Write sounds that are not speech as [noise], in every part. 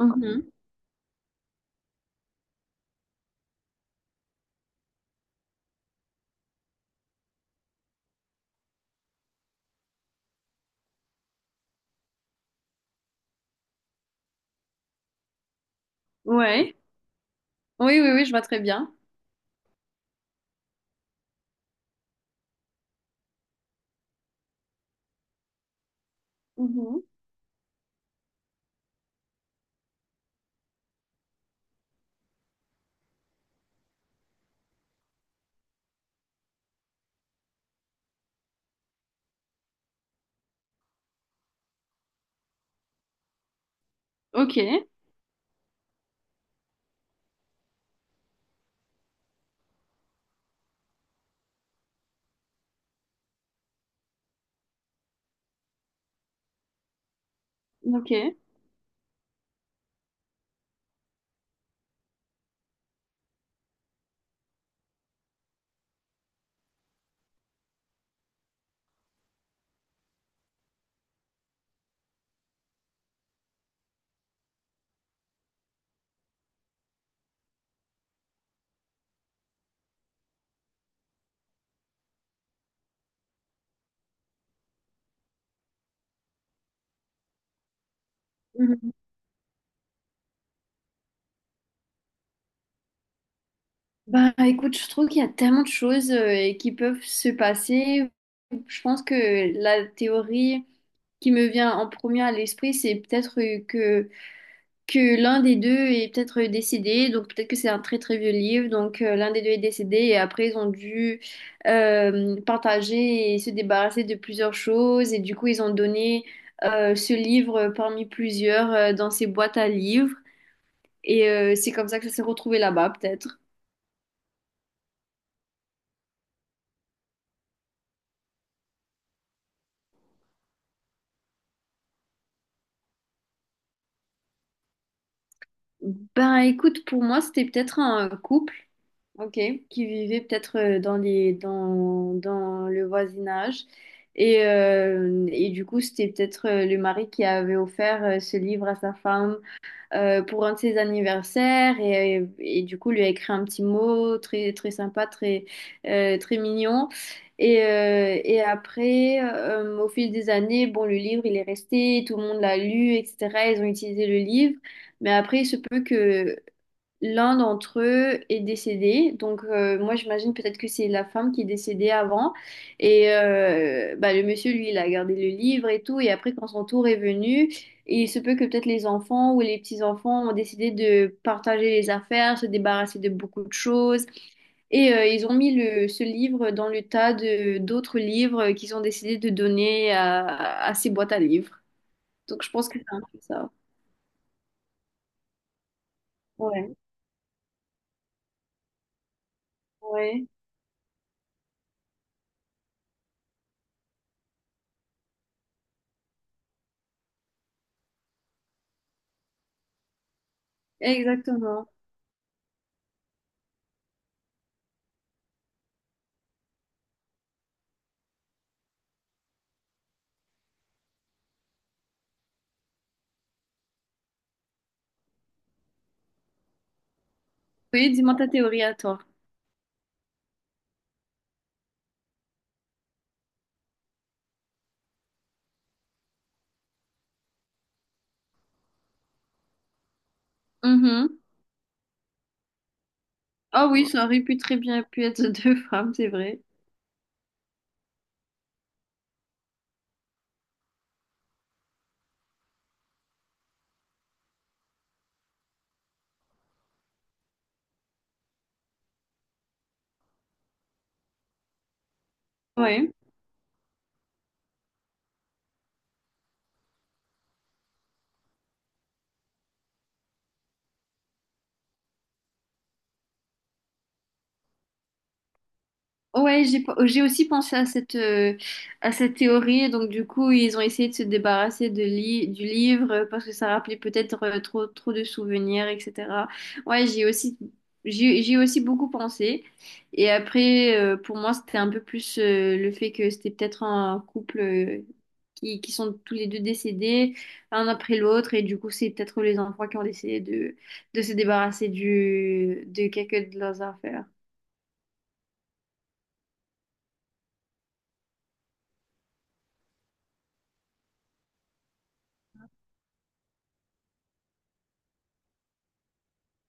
Mhm. Ouais. Oui, oui, oui, je vois très bien. Mhm. Ok, ok. Mhm. Bah écoute, je trouve qu'il y a tellement de choses qui peuvent se passer. Je pense que la théorie qui me vient en premier à l'esprit, c'est peut-être que l'un des deux est peut-être décédé, donc peut-être que c'est un très très vieux livre, donc l'un des deux est décédé et après ils ont dû partager et se débarrasser de plusieurs choses et du coup ils ont donné ce livre parmi plusieurs dans ces boîtes à livres et c'est comme ça que ça s'est retrouvé là-bas peut-être. Ben écoute, pour moi c'était peut-être un couple. Ok, qui vivaient peut-être dans dans le voisinage. Et du coup, c'était peut-être le mari qui avait offert ce livre à sa femme pour un de ses anniversaires et du coup lui a écrit un petit mot très très sympa, très mignon. Et après, au fil des années, bon, le livre il est resté, tout le monde l'a lu, etc. Ils ont utilisé le livre, mais après, il se peut que l'un d'entre eux est décédé, donc moi j'imagine peut-être que c'est la femme qui est décédée avant. Et bah, le monsieur, lui, il a gardé le livre et tout. Et après, quand son tour est venu, il se peut que peut-être les enfants ou les petits-enfants ont décidé de partager les affaires, se débarrasser de beaucoup de choses. Et ils ont mis ce livre dans le tas de d'autres livres qu'ils ont décidé de donner à ces boîtes à livres. Donc je pense que c'est un peu ça. Ouais, ouais, exactement. Oui, dis-moi ta théorie à toi. Mhm. Ah oui, ça aurait pu très bien pu être [laughs] deux femmes, c'est vrai. Oui. Ouais, j'ai aussi pensé à à cette théorie. Donc, du coup, ils ont essayé de se débarrasser du livre parce que ça rappelait peut-être trop de souvenirs, etc. Ouais, j'ai aussi beaucoup pensé. Et après, pour moi, c'était un peu plus le fait que c'était peut-être un couple qui sont tous les deux décédés, un après l'autre. Et du coup, c'est peut-être les enfants qui ont décidé de se débarrasser de quelques de leurs affaires.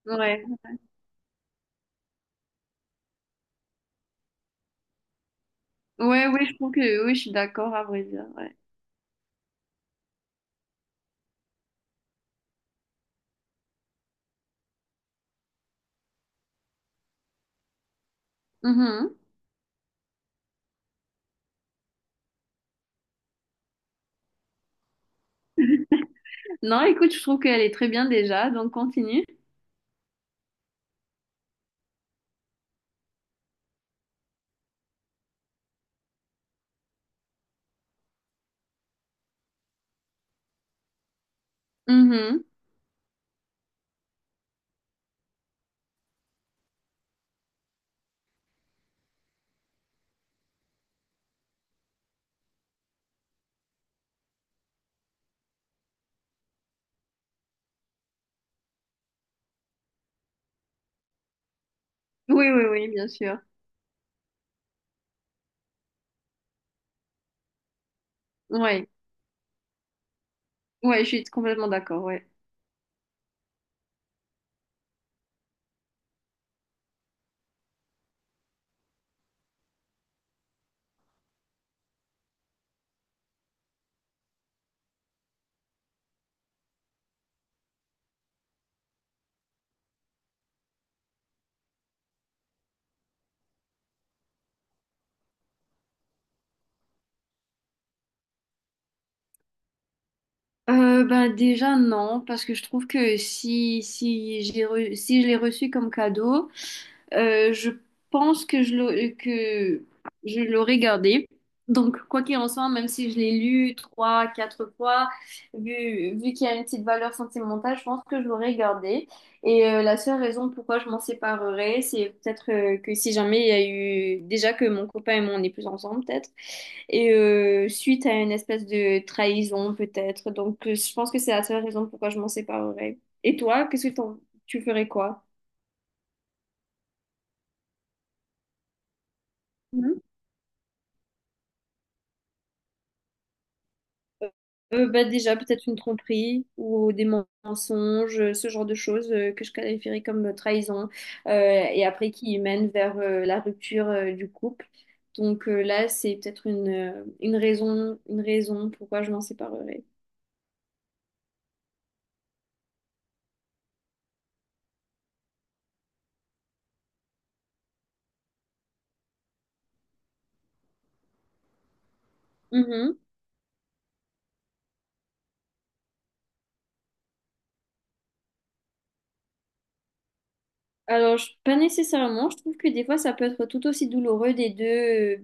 Ouais. Ouais, ouais, je trouve que oui, je suis d'accord à vrai dire. Ouais. Mhm. Non, écoute, je trouve qu'elle est très bien déjà, donc continue. Mhm. Oui, oui, oui, bien sûr. Ouais, ouais, je suis complètement d'accord. Ouais. Ben déjà non, parce que je trouve que si si je l'ai reçu comme cadeau, euh, je pense que je l'aurais gardé. Donc, quoi qu'il en soit, même si je l'ai lu trois, quatre fois, vu qu'il y a une petite valeur sentimentale, je pense que je l'aurais gardé. Et la seule raison pourquoi je m'en séparerais, c'est peut-être que si jamais il y a eu déjà que mon copain et moi on n'est plus ensemble, peut-être, et suite à une espèce de trahison, peut-être. Donc, je pense que c'est la seule raison pourquoi je m'en séparerais. Et toi, tu ferais quoi? Euh, bah, déjà, peut-être une tromperie ou des mensonges, ce genre de choses que je qualifierais comme trahison, euh, et après qui mènent vers la rupture du couple. Donc là, c'est peut-être une raison pourquoi je m'en séparerais. Mmh. Pas nécessairement. Je trouve que des fois, ça peut être tout aussi douloureux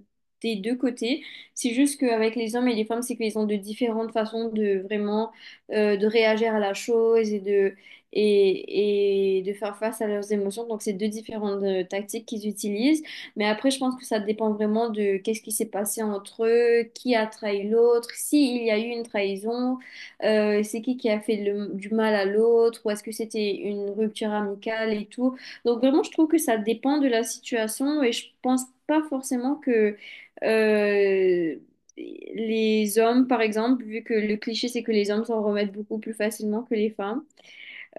des deux côtés. C'est juste qu'avec les hommes et les femmes, c'est qu'ils ont de différentes façons de vraiment de réagir à la chose et et de faire face à leurs émotions. Donc, c'est deux différentes tactiques qu'ils utilisent. Mais après, je pense que ça dépend vraiment de qu'est-ce qui s'est passé entre eux, qui a trahi l'autre, s'il y a eu une trahison. C'est qui du mal à l'autre, ou est-ce que c'était une rupture amicale et tout. Donc vraiment, je trouve que ça dépend de la situation et je pense pas forcément que euh, les hommes, par exemple, vu que le cliché c'est que les hommes s'en remettent beaucoup plus facilement que les femmes,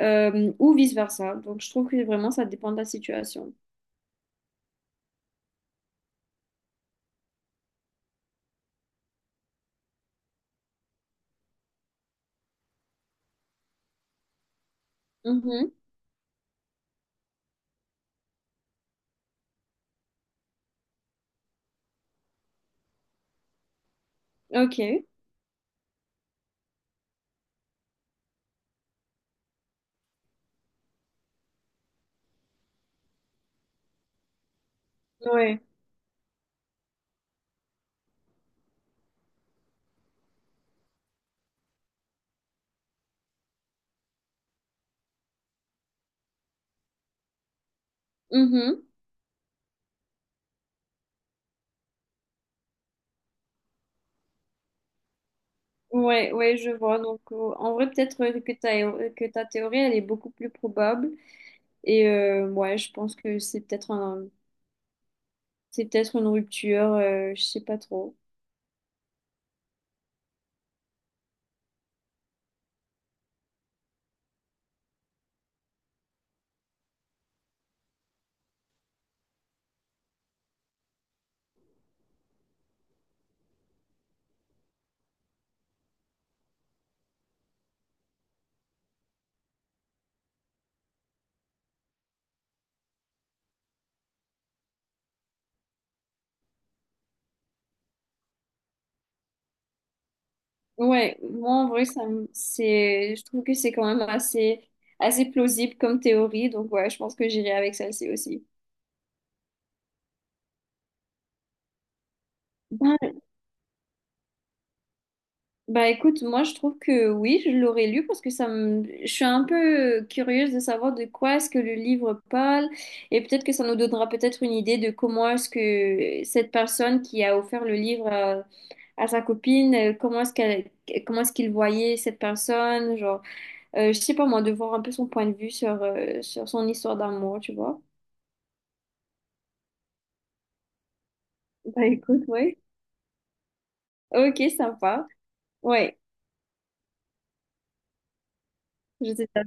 ou vice-versa. Donc je trouve que vraiment ça dépend de la situation. Mhm. Ok. Ouais. Mhm. Ouais, ouais, je vois. Donc en vrai, peut-être que ta théorie, elle est beaucoup plus probable. Et ouais, je pense que c'est peut-être une rupture, je sais pas trop. Ouais, moi en vrai, je trouve que c'est quand même assez plausible comme théorie, donc ouais, je pense que j'irai avec celle-ci aussi. Ben, bah écoute, moi je trouve que oui, je l'aurais lu parce que ça me... je suis un peu curieuse de savoir de quoi est-ce que le livre parle et peut-être que ça nous donnera peut-être une idée de comment est-ce que cette personne qui a offert le livre à sa copine, comment est-ce qu'il voyait cette personne, genre. Je sais pas moi, de voir un peu son point de vue sur son histoire d'amour, tu vois. Bah écoute, ouais. Ok, sympa. Ouais, je sais pas.